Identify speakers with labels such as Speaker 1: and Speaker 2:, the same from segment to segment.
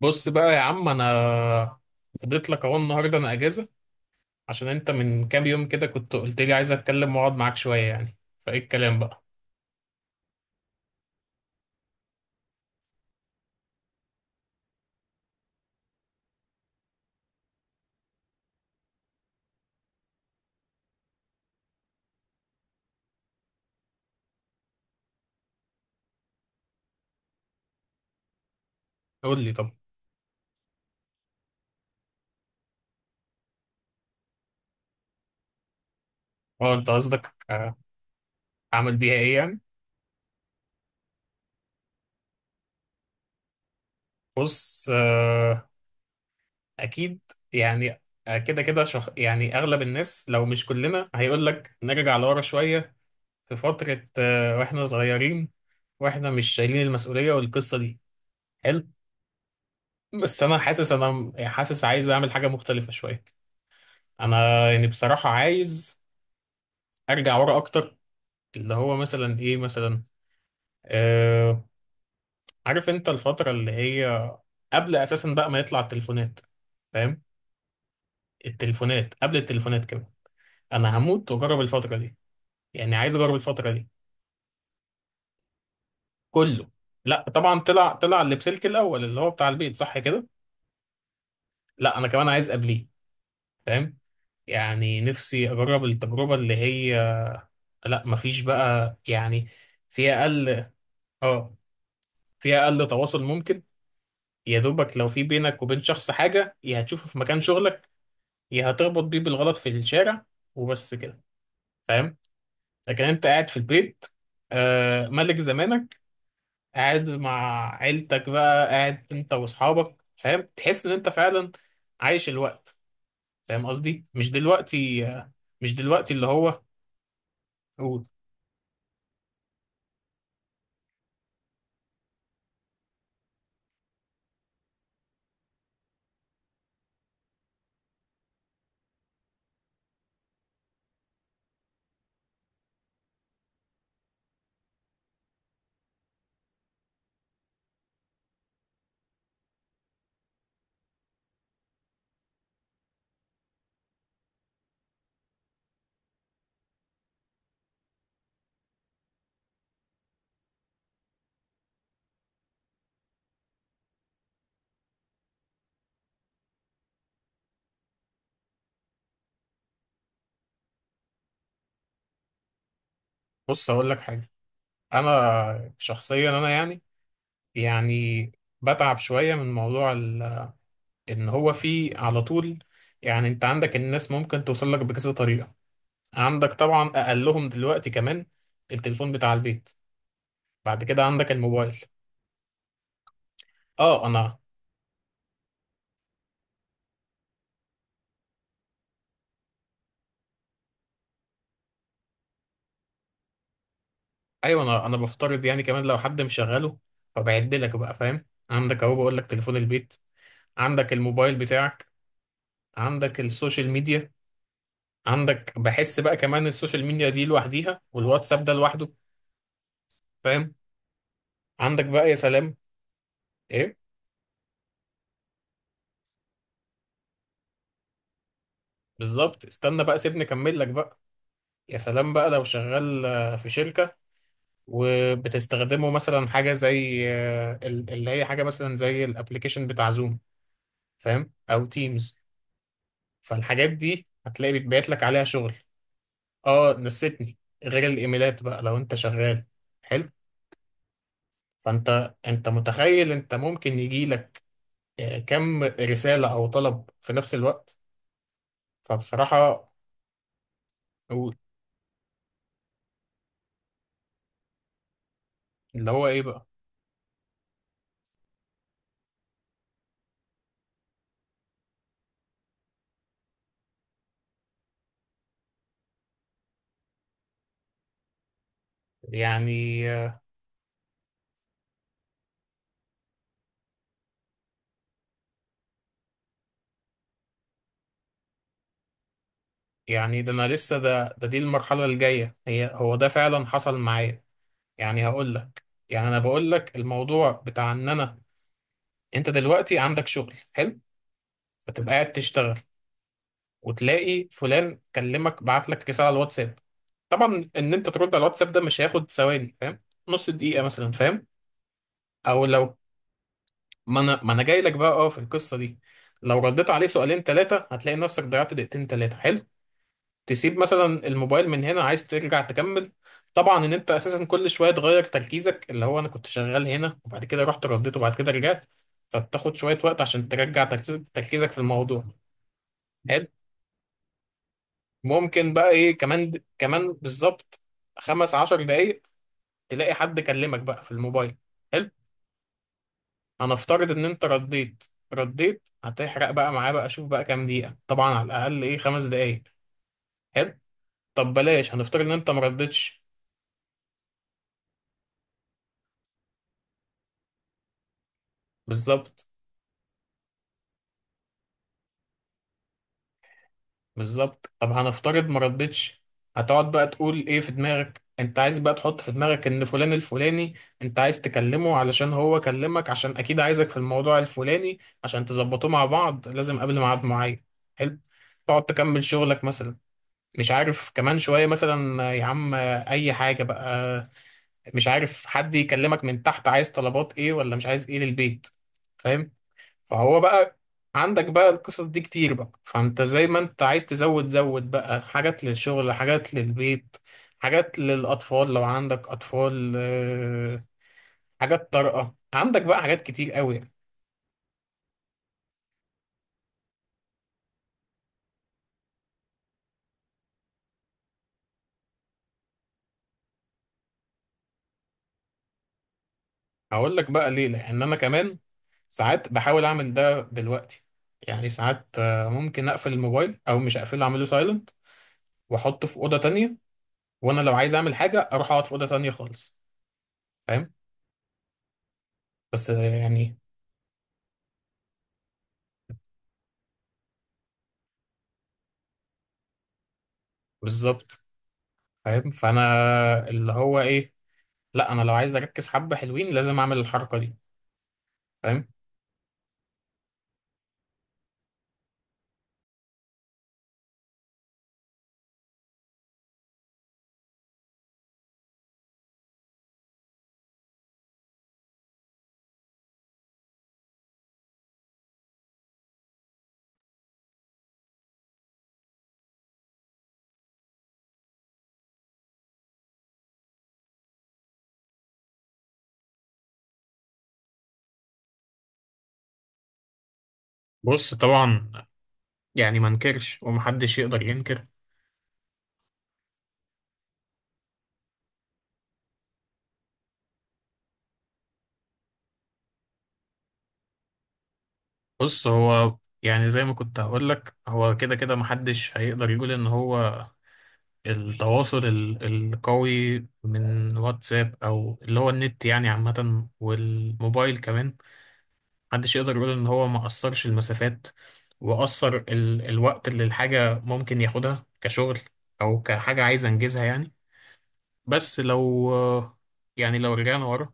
Speaker 1: بص بقى يا عم، انا فضيت لك اهو النهارده. انا اجازه عشان انت من كام يوم كده كنت قلت لي عايز اتكلم واقعد معاك شويه يعني. فايه الكلام بقى؟ قول لي طب. اه انت قصدك، اعمل بيها ايه يعني؟ بص، اكيد. يعني، كده كده يعني اغلب الناس لو مش كلنا هيقول لك نرجع لورا شويه، في فتره واحنا صغيرين واحنا مش شايلين المسؤوليه والقصه دي. حلو. بس انا حاسس عايز اعمل حاجه مختلفه شويه. انا يعني بصراحه عايز ارجع ورا اكتر. اللي هو مثلا ايه مثلا؟ آه عارف انت الفتره اللي هي قبل اساسا بقى ما يطلع التليفونات؟ فاهم؟ التليفونات قبل التليفونات كمان، انا هموت واجرب الفتره دي. يعني عايز اجرب الفتره دي كله. لا طبعا، طلع اللي بسلك الاول اللي هو بتاع البيت، صح كده. لا انا كمان عايز قبليه. فاهم؟ يعني نفسي اجرب التجربه اللي هي، لا مفيش بقى يعني. في اقل اه في اقل تواصل ممكن. يا دوبك لو في بينك وبين شخص حاجة، يا هتشوفه في مكان شغلك، يا هتربط بيه بالغلط في الشارع، وبس كده. فاهم؟ لكن انت قاعد في البيت، ملك زمانك، قاعد مع عيلتك بقى، قاعد انت واصحابك، فاهم؟ تحس ان انت فعلا عايش الوقت. فاهم قصدي؟ مش دلوقتي، مش دلوقتي اللي هو. قول. بص هقول لك حاجة. انا شخصيا، انا يعني، يعني بتعب شوية من موضوع ان هو في على طول. يعني انت عندك الناس ممكن توصل لك بكذا طريقة. عندك طبعا اقلهم دلوقتي كمان التليفون بتاع البيت، بعد كده عندك الموبايل. اه. انا ايوه، انا بفترض يعني كمان لو حد مشغله. فبعد لك بقى، فاهم؟ عندك اهو، بقول لك تليفون البيت، عندك الموبايل بتاعك، عندك السوشيال ميديا. عندك بحس بقى كمان السوشيال ميديا دي لوحديها والواتساب ده لوحده، فاهم؟ عندك بقى، يا سلام. ايه بالظبط. استنى بقى سيبني اكمل لك بقى. يا سلام بقى لو شغال في شركة، وبتستخدمه مثلا حاجة زي اللي هي حاجة مثلا زي الابليكيشن بتاع زوم، فاهم، أو تيمز. فالحاجات دي هتلاقي بيتبعت لك عليها شغل. اه، نسيتني، غير الايميلات بقى لو انت شغال. حلو. فانت متخيل انت ممكن يجي لك كم رسالة او طلب في نفس الوقت؟ فبصراحة، و- اللي هو ايه بقى يعني، يعني ده انا لسه ده ده دي المرحله الجايه، هي هو ده فعلا حصل معايا. يعني هقول لك. يعني انا بقول لك الموضوع بتاع، ان انا انت دلوقتي عندك شغل حلو، فتبقى قاعد تشتغل وتلاقي فلان كلمك بعت لك رساله على الواتساب. طبعا ان انت ترد على الواتساب ده مش هياخد ثواني، فاهم، نص دقيقه مثلا، فاهم. او لو، ما انا جاي لك بقى اه في القصه دي، لو رديت عليه سؤالين ثلاثه هتلاقي نفسك ضيعت دقيقتين ثلاثه. حلو. تسيب مثلا الموبايل من هنا، عايز ترجع تكمل، طبعا ان انت اساسا كل شويه تغير تركيزك، اللي هو انا كنت شغال هنا وبعد كده رحت رديت وبعد كده رجعت، فبتاخد شويه وقت عشان ترجع تركيزك في الموضوع. حلو. ممكن بقى ايه كمان؟ كمان بالظبط 15 دقايق تلاقي حد كلمك بقى في الموبايل. حلو. هنفترض ان انت رديت، هتحرق بقى معاه بقى، شوف بقى كام دقيقه، طبعا على الاقل ايه، 5 دقايق. حلو. طب بلاش، هنفترض ان انت مردتش. بالظبط، بالظبط. طب هنفترض ما ردتش، هتقعد بقى تقول ايه في دماغك، انت عايز بقى تحط في دماغك ان فلان الفلاني انت عايز تكلمه علشان هو كلمك عشان اكيد عايزك في الموضوع الفلاني عشان تظبطوه مع بعض لازم قبل ميعاد معين. حلو. تقعد تكمل شغلك مثلا، مش عارف كمان شوية مثلا، يا عم، اي حاجة بقى، مش عارف حد يكلمك من تحت عايز طلبات ايه ولا مش عايز ايه للبيت، فاهم؟ فهو بقى، عندك بقى القصص دي كتير بقى، فانت زي ما انت عايز تزود زود بقى، حاجات للشغل، حاجات للبيت، حاجات للأطفال لو عندك أطفال، حاجات طارئة، عندك بقى حاجات كتير قوي يعني. هقول لك بقى ليه، لأن أنا كمان ساعات بحاول أعمل ده دلوقتي. يعني ساعات ممكن أقفل الموبايل أو مش أقفله، أعمله سايلنت وأحطه في أوضة تانية، وأنا لو عايز أعمل حاجة أروح أقعد في أوضة تانية خالص، فاهم. بس يعني بالظبط، فاهم. فانا اللي هو ايه، لا انا لو عايز اركز حبه حلوين لازم اعمل الحركه دي، فاهم. بص طبعا، يعني ما انكرش ومحدش يقدر ينكر. بص هو، يعني زي ما كنت هقول لك، هو كده كده محدش هيقدر يقول ان هو التواصل القوي من واتساب او اللي هو النت يعني عامه والموبايل كمان، محدش يقدر يقول ان هو ما قصرش المسافات وقصر الوقت اللي الحاجة ممكن ياخدها كشغل او كحاجة عايز انجزها يعني. بس لو، يعني لو رجعنا ورا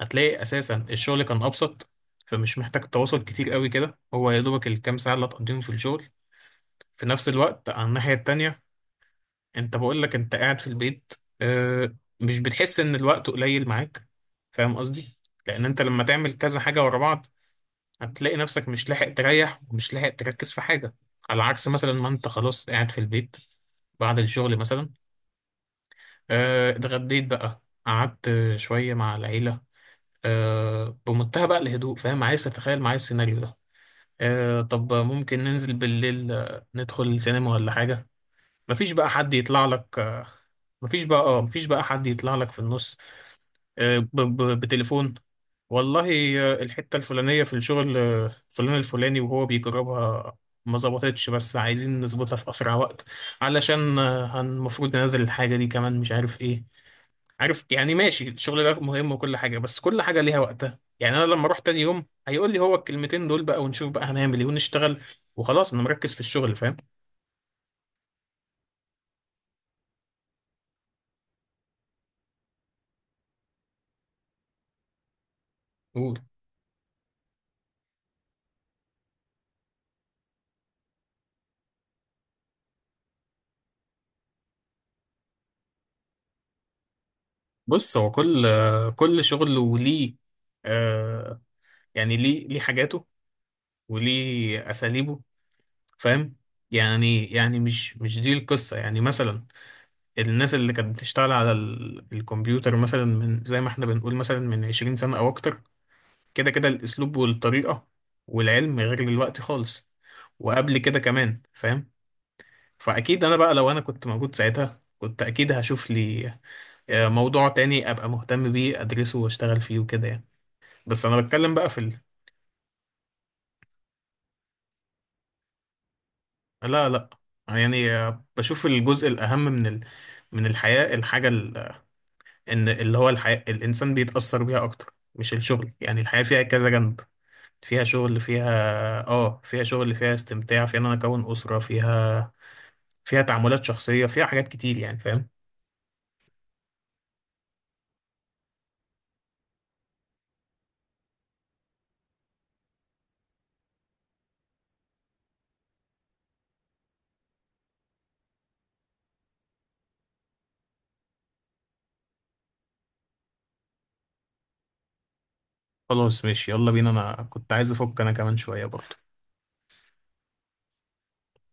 Speaker 1: هتلاقي اساسا الشغل كان ابسط. فمش محتاج تواصل كتير قوي كده، هو يا دوبك الكام ساعة اللي هتقضيهم في الشغل. في نفس الوقت على الناحية التانية، انت بقول لك انت قاعد في البيت، آه، مش بتحس ان الوقت قليل معاك؟ فاهم قصدي. لان انت لما تعمل كذا حاجة ورا بعض هتلاقي نفسك مش لاحق تريح ومش لاحق تركز في حاجة. على عكس مثلا ما انت خلاص قاعد في البيت بعد الشغل مثلا، اتغديت بقى، قعدت شوية مع العيلة، بمنتهى بقى الهدوء، فاهم؟ عايز تتخيل معايا السيناريو ده؟ طب ممكن ننزل بالليل ندخل السينما ولا حاجة. مفيش بقى حد يطلع لك آه، مفيش بقى حد يطلع لك في النص بتليفون، والله، الحتة الفلانية في الشغل، فلان الفلاني وهو بيجربها ما ظبطتش بس عايزين نظبطها في أسرع وقت، علشان المفروض ننزل الحاجة دي كمان مش عارف إيه. عارف يعني، ماشي، الشغل ده مهم وكل حاجة، بس كل حاجة ليها وقتها يعني. أنا لما أروح تاني يوم هيقول لي هو الكلمتين دول بقى، ونشوف بقى هنعمل إيه ونشتغل، وخلاص أنا مركز في الشغل، فاهم. بص هو كل شغل وليه، آه يعني ليه حاجاته وليه اساليبه، فاهم. يعني مش دي القصه. يعني مثلا، الناس اللي كانت بتشتغل على الكمبيوتر مثلا من زي ما احنا بنقول مثلا من 20 سنه او اكتر، كده كده الاسلوب والطريقه والعلم غير دلوقتي خالص وقبل كده كمان، فاهم. فاكيد انا بقى، لو انا كنت موجود ساعتها كنت اكيد هشوف لي موضوع تاني، ابقى مهتم بيه ادرسه واشتغل فيه وكده يعني. بس انا بتكلم بقى في لا لا، يعني بشوف الجزء الاهم من من الحياة. الحاجة ان اللي هو الحياة الانسان بيتأثر بيها اكتر مش الشغل، يعني الحياة فيها كذا جنب، فيها شغل فيها اه فيها شغل فيها استمتاع، فيها ان انا اكون أسرة، فيها فيها تعاملات شخصية، فيها حاجات كتير يعني، فاهم. خلاص ماشي، يلا بينا، انا كنت عايز افك انا كمان شوية برضه.